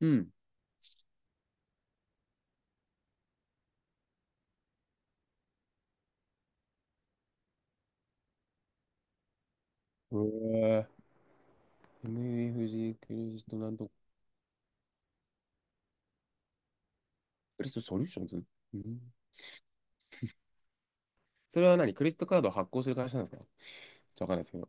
うん。うわー、 m f g クレジットなんと、クレジットソリューションズ。うん。それは何、クレジットカードを発行する会社なんですか？ちょっとわかんないですけど。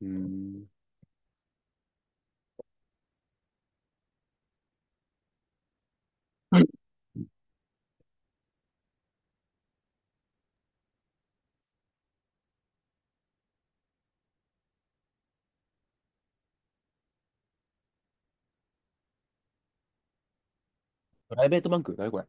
うん。プライベートバンク、何これ。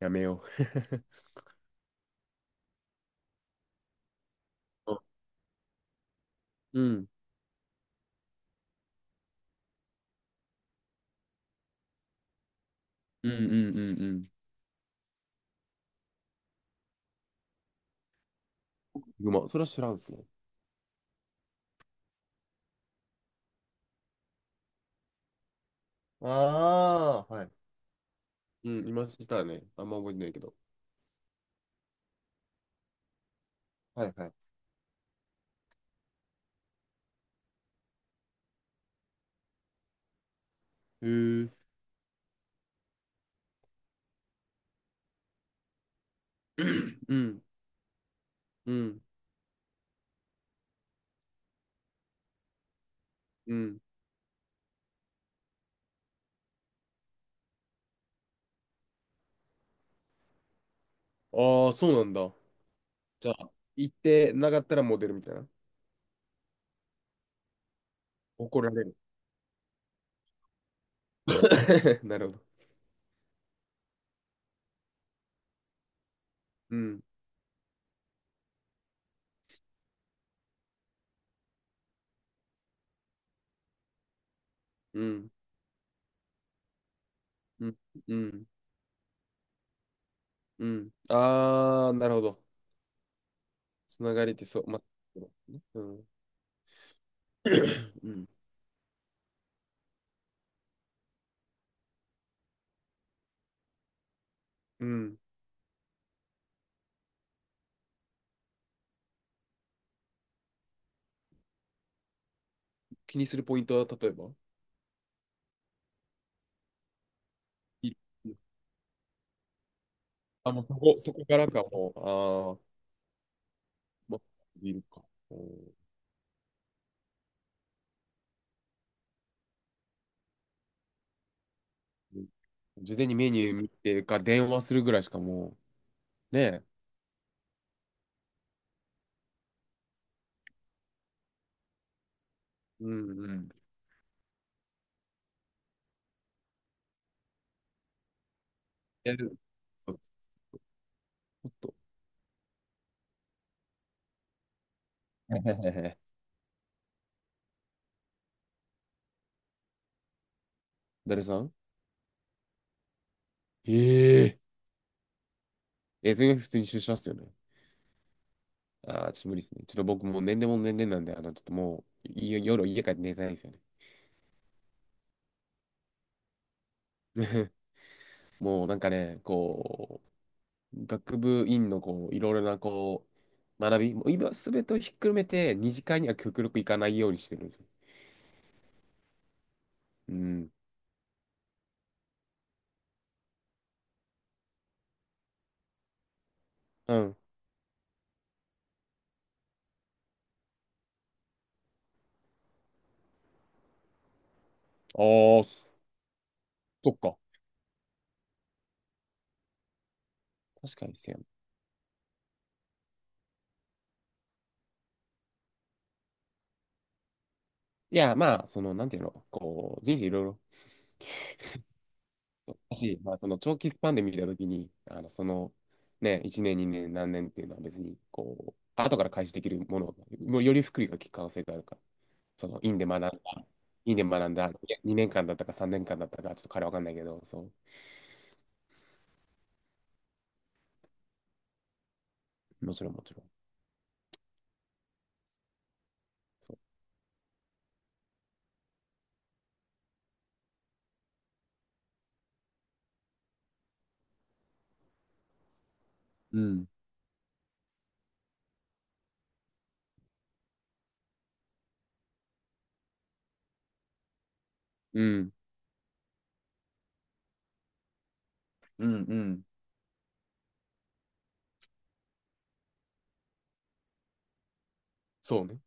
やめよう。うん。うんうんうんうん。うま、それは知らんですね。ああー、はい。うん、今知ったらね、あんま覚えてないけど。はいはい。へえ。うん、うん、うん。ああ、そうなんだ。じゃあ、行ってなかったらモデルみたいな。怒られる。なるほど。うん。うん、うん、うん、うん。あー、なるほど。つながりってそう、ま、うん、うん、うん。気にするポイントは、例えば、い、あ、もうそこ、そこからか、もう、あー、ま、いるか。うん、事前にメニュー見てか、電話するぐらいしかもう、ねえ。うんうん。やる。そう、ちょっと。誰さん？えええ、それが普通に出社っすよね。ああ、ちょっと無理ですね。ちょっと僕もう年齢も年齢なんで、あの、ちょっともう、い、夜家帰って寝たいんですよね。もうなんかね、こう、学部院のこう、いろいろなこう、学び、もう今すべてをひっくるめて、二次会には極力行かないようにしてるんですよ。うん。うん。ああ、そっか。確かにですよ。いや、まあ、その、なんていうの、こう、人生いろいろだし、まあ、その長期スパンで見たときに、あのその、ね、1年、2年、何年っていうのは別に、こう、後から開始できるもの、もうより福利が効く可能性があるから、その、院で学んだ、院で学んだ、2年間だったか3年間だったか、ちょっと彼わかんないけど、そう、もちろん、もちろん。そう。うん。うん。うんうん。そうね。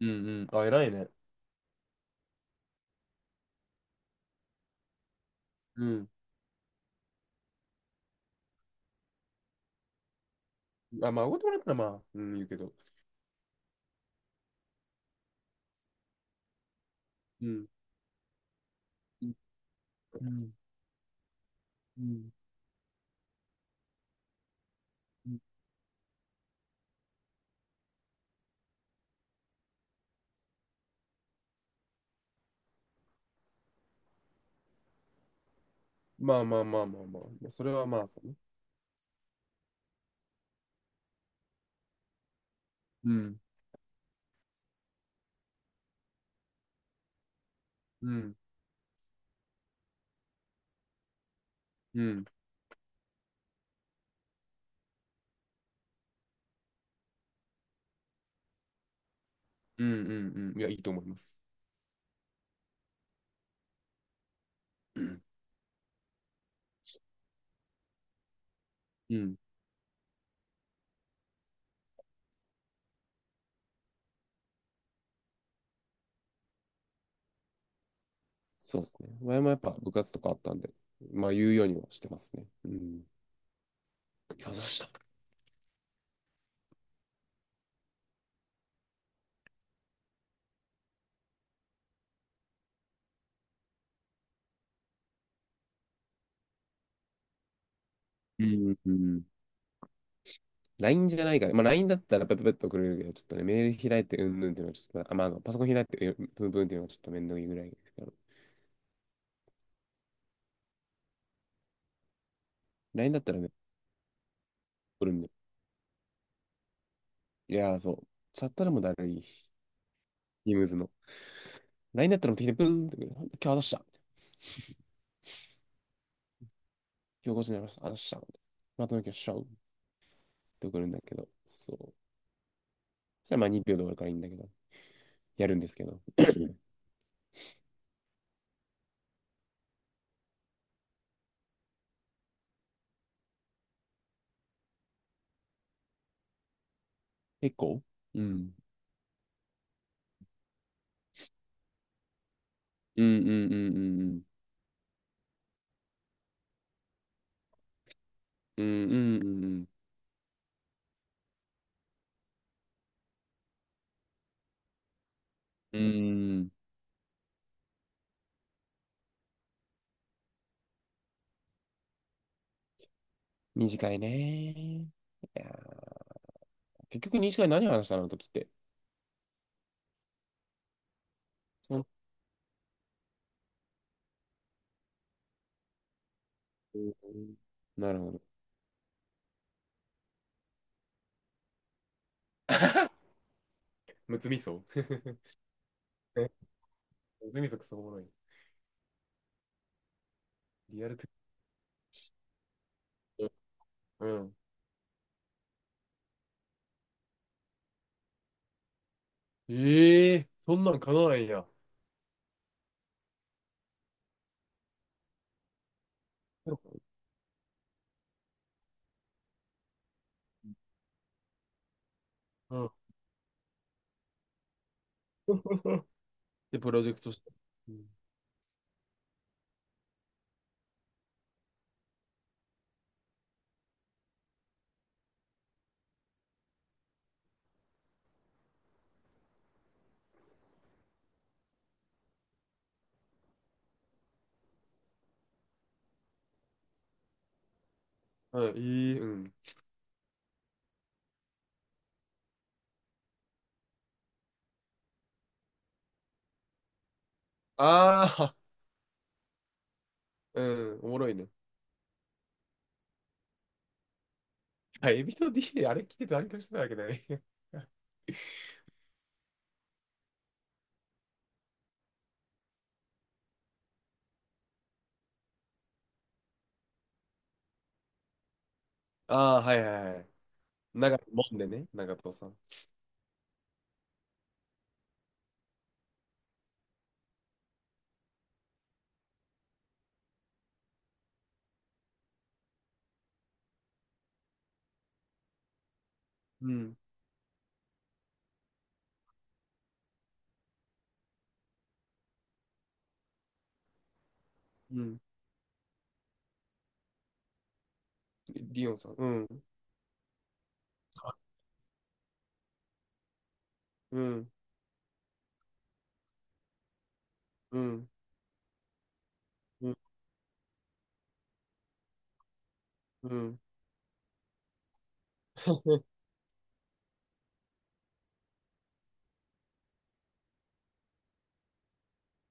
うんうん。あ、偉いね。うん。あ、まあ、おごいてもらったらまあ、うん、言うけど。うん。うん。うん。うん、まあまあまあまあま、あ、それはまあ、そうね。うん。うん。うん。うんうんうん。いや、いいと思います。うん。そうですね。前もやっぱ部活とかあったんで、まあ言うようにはしてますね。うん。いや、した。うんうん。LINE じゃないから、まあ LINE だったらペペペッと送れるけど、ちょっとね、メール開いてうんぬんっていうのはちょっと、あ、まあ、あのパソコン開いてうんぷんぷんっていうのはちょっとめんどいぐらいですけど、LINE だったらね、送るんで。いやー、そう。チャットでもだるい。イムズの。LINE だったらもってきて、ブーンってくる。今日渡した。今日5時になりました。渡した。まとめ今日しちゃうって送るんだけど、そう。じゃあまあ2秒で終わるからいいんだけど、やるんですけど。結構、うん。うんうんうんうんうん。うんうんうんうん。うん。短いね。いやー、結局短い、何話したのあの時って。そん、うん、なるほど。むつみそ むつみそ、くそおもろい。リアルトゥ、うん。ええ、そんなん叶わないんや。うん。で、プロジェクトして。うん。はい、いい、うん。ああ、うん、おもろいね。あ、エビと D であれ聞いてたあれかしてたわけだね。ああ、はいはいはい。長いもんでね、長藤さん。うん、うん。リオンさん。うん、うん、うん、うん、うん。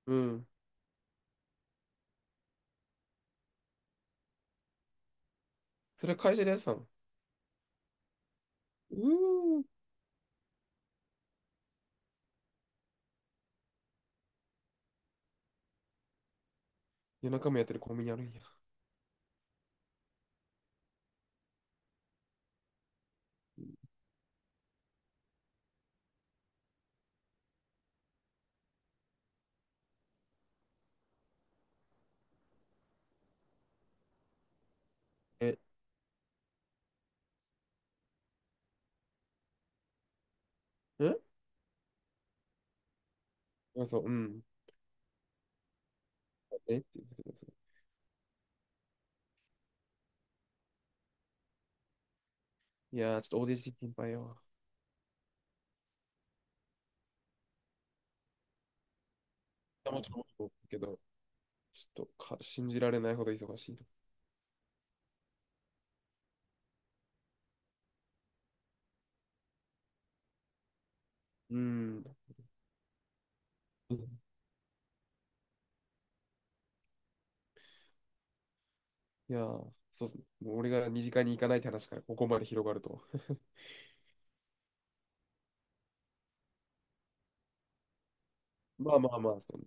うん。それは会社でやってたの？うーん。夜中もやってるコンビニあるんや。え、え、あ、そう、うん。えって言ってたやつ。いやー、ちょっとオーディション心配よ。でもうちょっと、けど、ちょっとか信じられないほど忙しいと。うん。いやー、そうっすね。もう俺が二次会に行かないって話からここまで広がるとは。まあまあまあ、その